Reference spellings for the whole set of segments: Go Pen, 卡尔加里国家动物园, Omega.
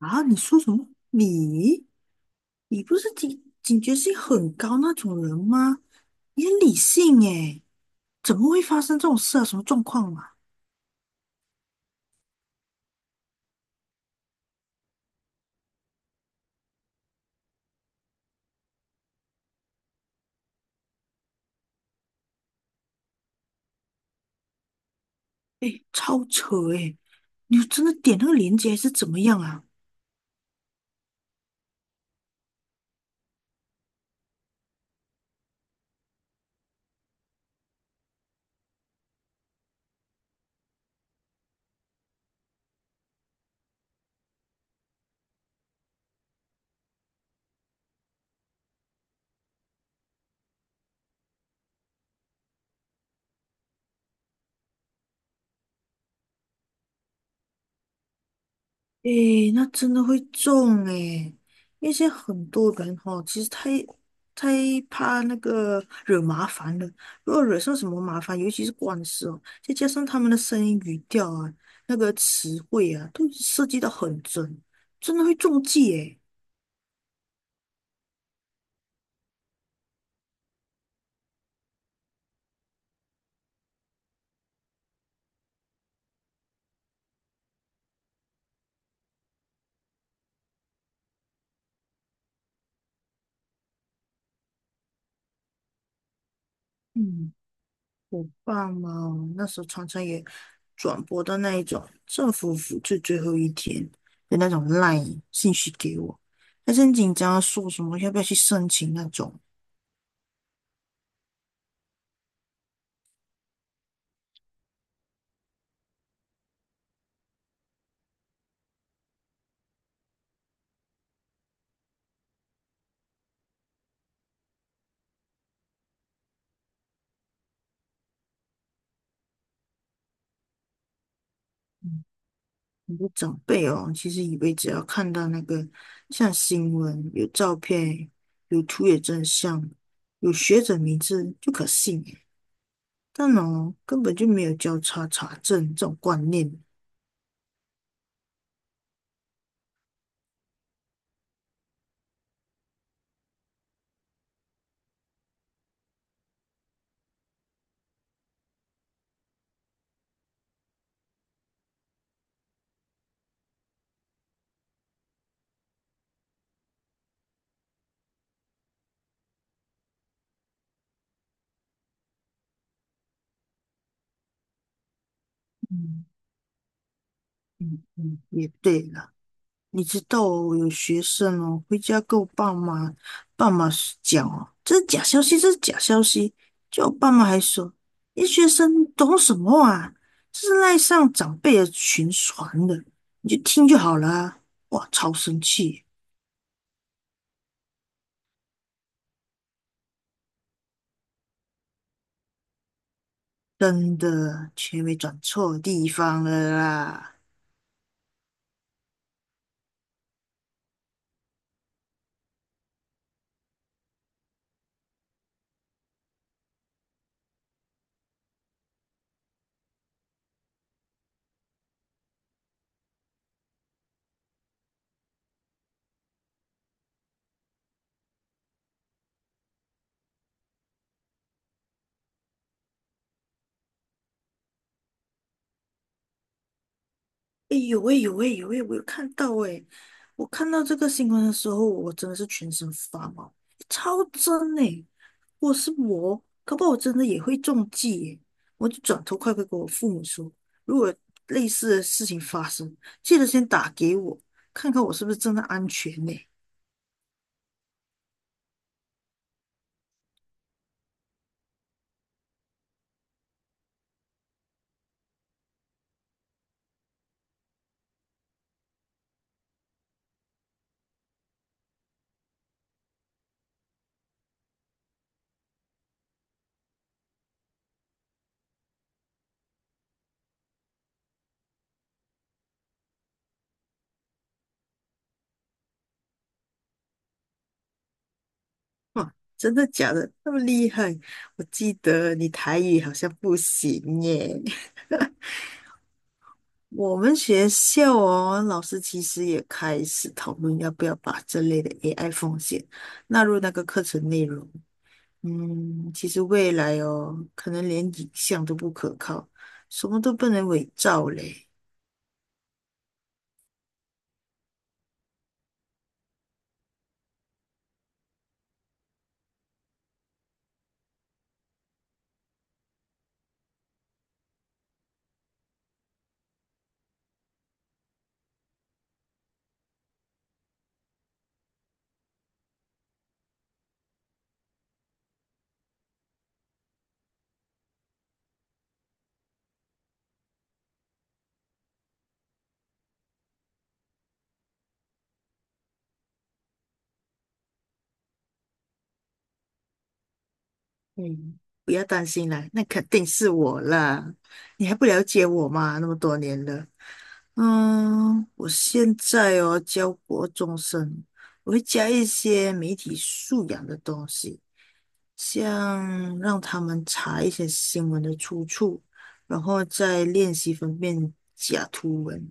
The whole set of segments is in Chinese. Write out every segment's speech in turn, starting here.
啊，你说什么？你不是警觉性很高那种人吗？你很理性诶，怎么会发生这种事啊？什么状况啊？诶，超扯诶！你真的点那个链接还是怎么样啊？诶，那真的会中诶，因为现在很多人哦，其实太怕那个惹麻烦了。如果惹上什么麻烦，尤其是官司哦，再加上他们的声音语调啊，那个词汇啊，都设计得很准，真的会中计诶。嗯，我爸妈哦那时候常常也转播到那一种政府复制最后一天的那种 LINE 信息给我，还是很紧张啊，说什么要不要去申请那种。很多长辈哦，其实以为只要看到那个像新闻、有照片、有图有真相、有学者名字就可信耶，但哦，根本就没有交叉查证这种观念。嗯嗯嗯，也对了。你知道哦，有学生哦，回家跟我爸妈讲哦，这是假消息，这是假消息。就我爸妈还说，你学生懂什么啊？这是赖上长辈的群传的，你就听就好了啊。哇，超生气，真的，全没转错地方了啦。哎呦喂，有喂，有喂，我有看到哎，我看到这个新闻的时候，我真的是全身发毛，超真哎。我是我，可不好我真的也会中计耶。我就转头快快跟我父母说，如果类似的事情发生，记得先打给我，看看我是不是真的安全呢？哇，真的假的？那么厉害？我记得你台语好像不行耶。我们学校哦，老师其实也开始讨论要不要把这类的 AI 风险纳入那个课程内容。嗯，其实未来哦，可能连影像都不可靠，什么都不能伪造嘞。嗯，不要担心啦，那肯定是我啦。你还不了解我嘛？那么多年了，嗯，我现在哦教国中生，我会加一些媒体素养的东西，像让他们查一些新闻的出处，然后再练习分辨假图文，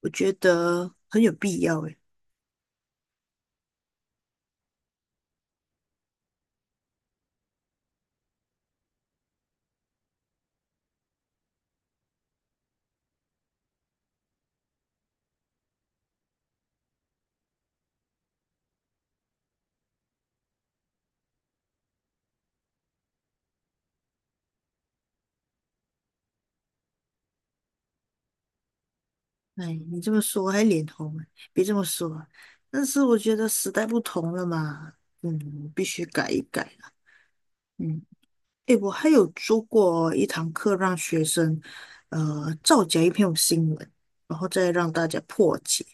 我觉得很有必要诶。哎，你这么说我还脸红啊，别这么说。但是我觉得时代不同了嘛，嗯，必须改一改了。嗯，哎，我还有做过一堂课，让学生造假一篇新闻，然后再让大家破解，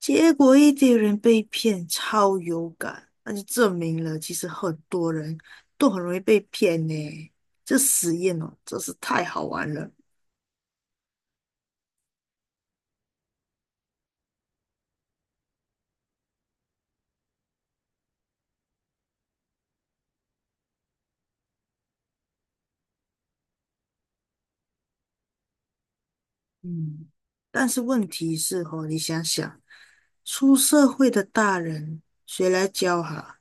结果一堆人被骗，超有感，那就证明了其实很多人都很容易被骗呢。这实验哦，真是太好玩了。嗯，但是问题是哦，你想想。出社会的大人，谁来教哈？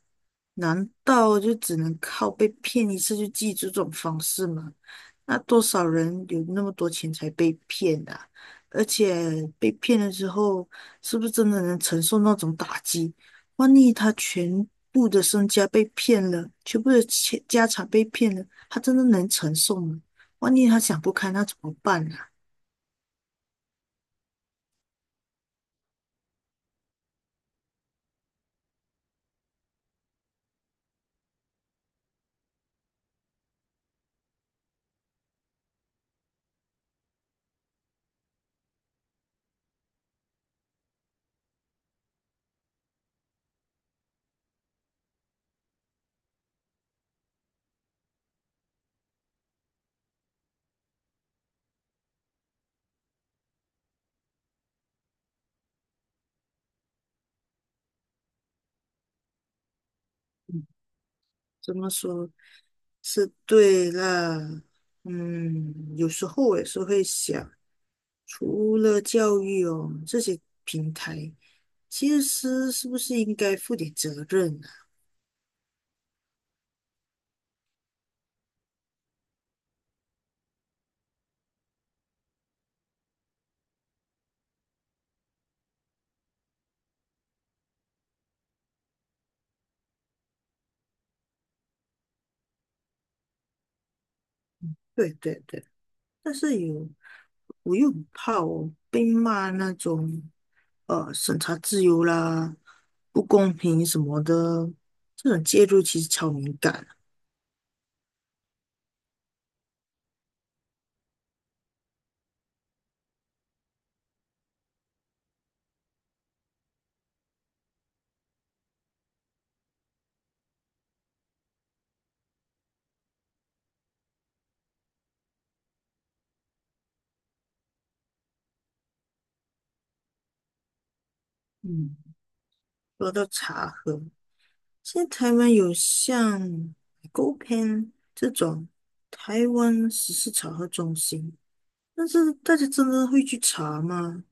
难道就只能靠被骗一次就记住这种方式吗？那多少人有那么多钱才被骗的？而且被骗了之后，是不是真的能承受那种打击？万一他全部的身家被骗了，全部的钱家产被骗了，他真的能承受吗？万一他想不开，那怎么办啊？嗯，怎么说？是对啦，嗯，有时候我也是会想，除了教育哦，这些平台其实是不是应该负点责任啊？对对对，但是有，我又很怕我被骂那种审查自由啦、不公平什么的，这种介入其实超敏感啊，嗯，说到茶喝。现在台湾有像 Go Pen 这种台湾时事查核中心，但是大家真的会去查吗？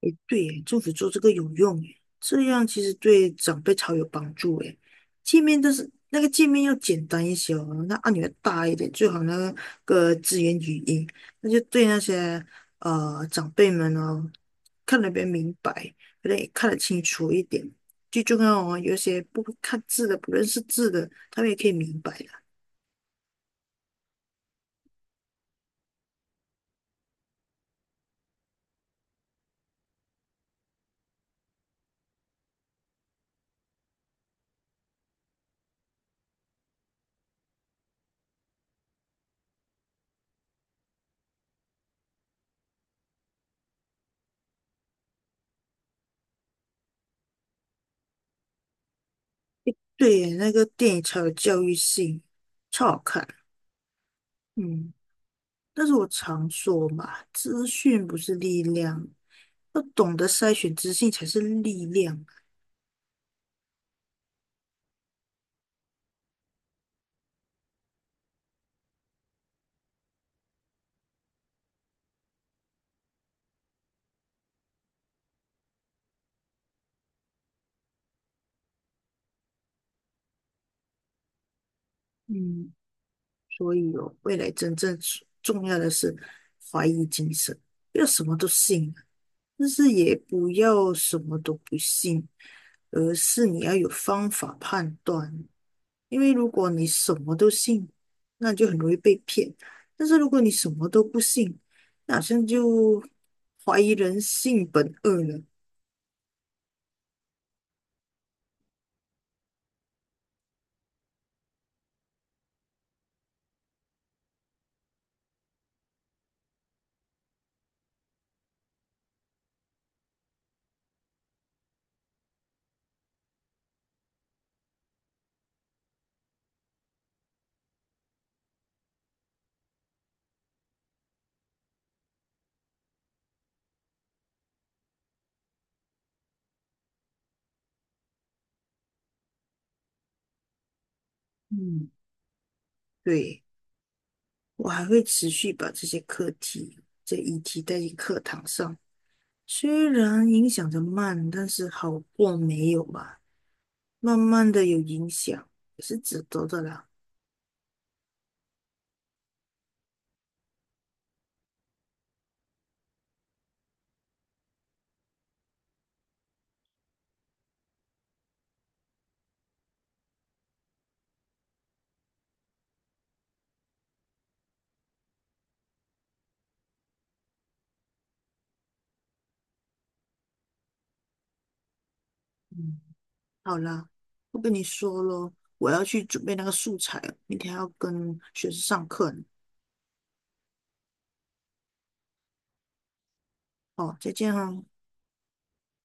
诶，对耶，政府做这个有用耶，这样其实对长辈超有帮助诶。界面都是那个界面要简单一些哦，那按钮要大一点，最好那个支援语音，那就对那些长辈们哦，看得比较明白，有点也看得清楚一点。最重要哦，有些不会看字的、不认识字的，他们也可以明白的。对耶那个电影超有教育性，超好看。嗯。但是我常说嘛，资讯不是力量，要懂得筛选资讯才是力量。嗯，所以哦，未来真正重要的是怀疑精神，不要什么都信，但是也不要什么都不信，而是你要有方法判断。因为如果你什么都信，那就很容易被骗；但是如果你什么都不信，那好像就怀疑人性本恶了。嗯。对，我还会持续把这些课题、这议题带进课堂上，虽然影响的慢，但是好过没有吧。慢慢的有影响，也是值得的啦。嗯，好啦，不跟你说咯，我要去准备那个素材了，明天还要跟学生上课呢。哦，再见哈。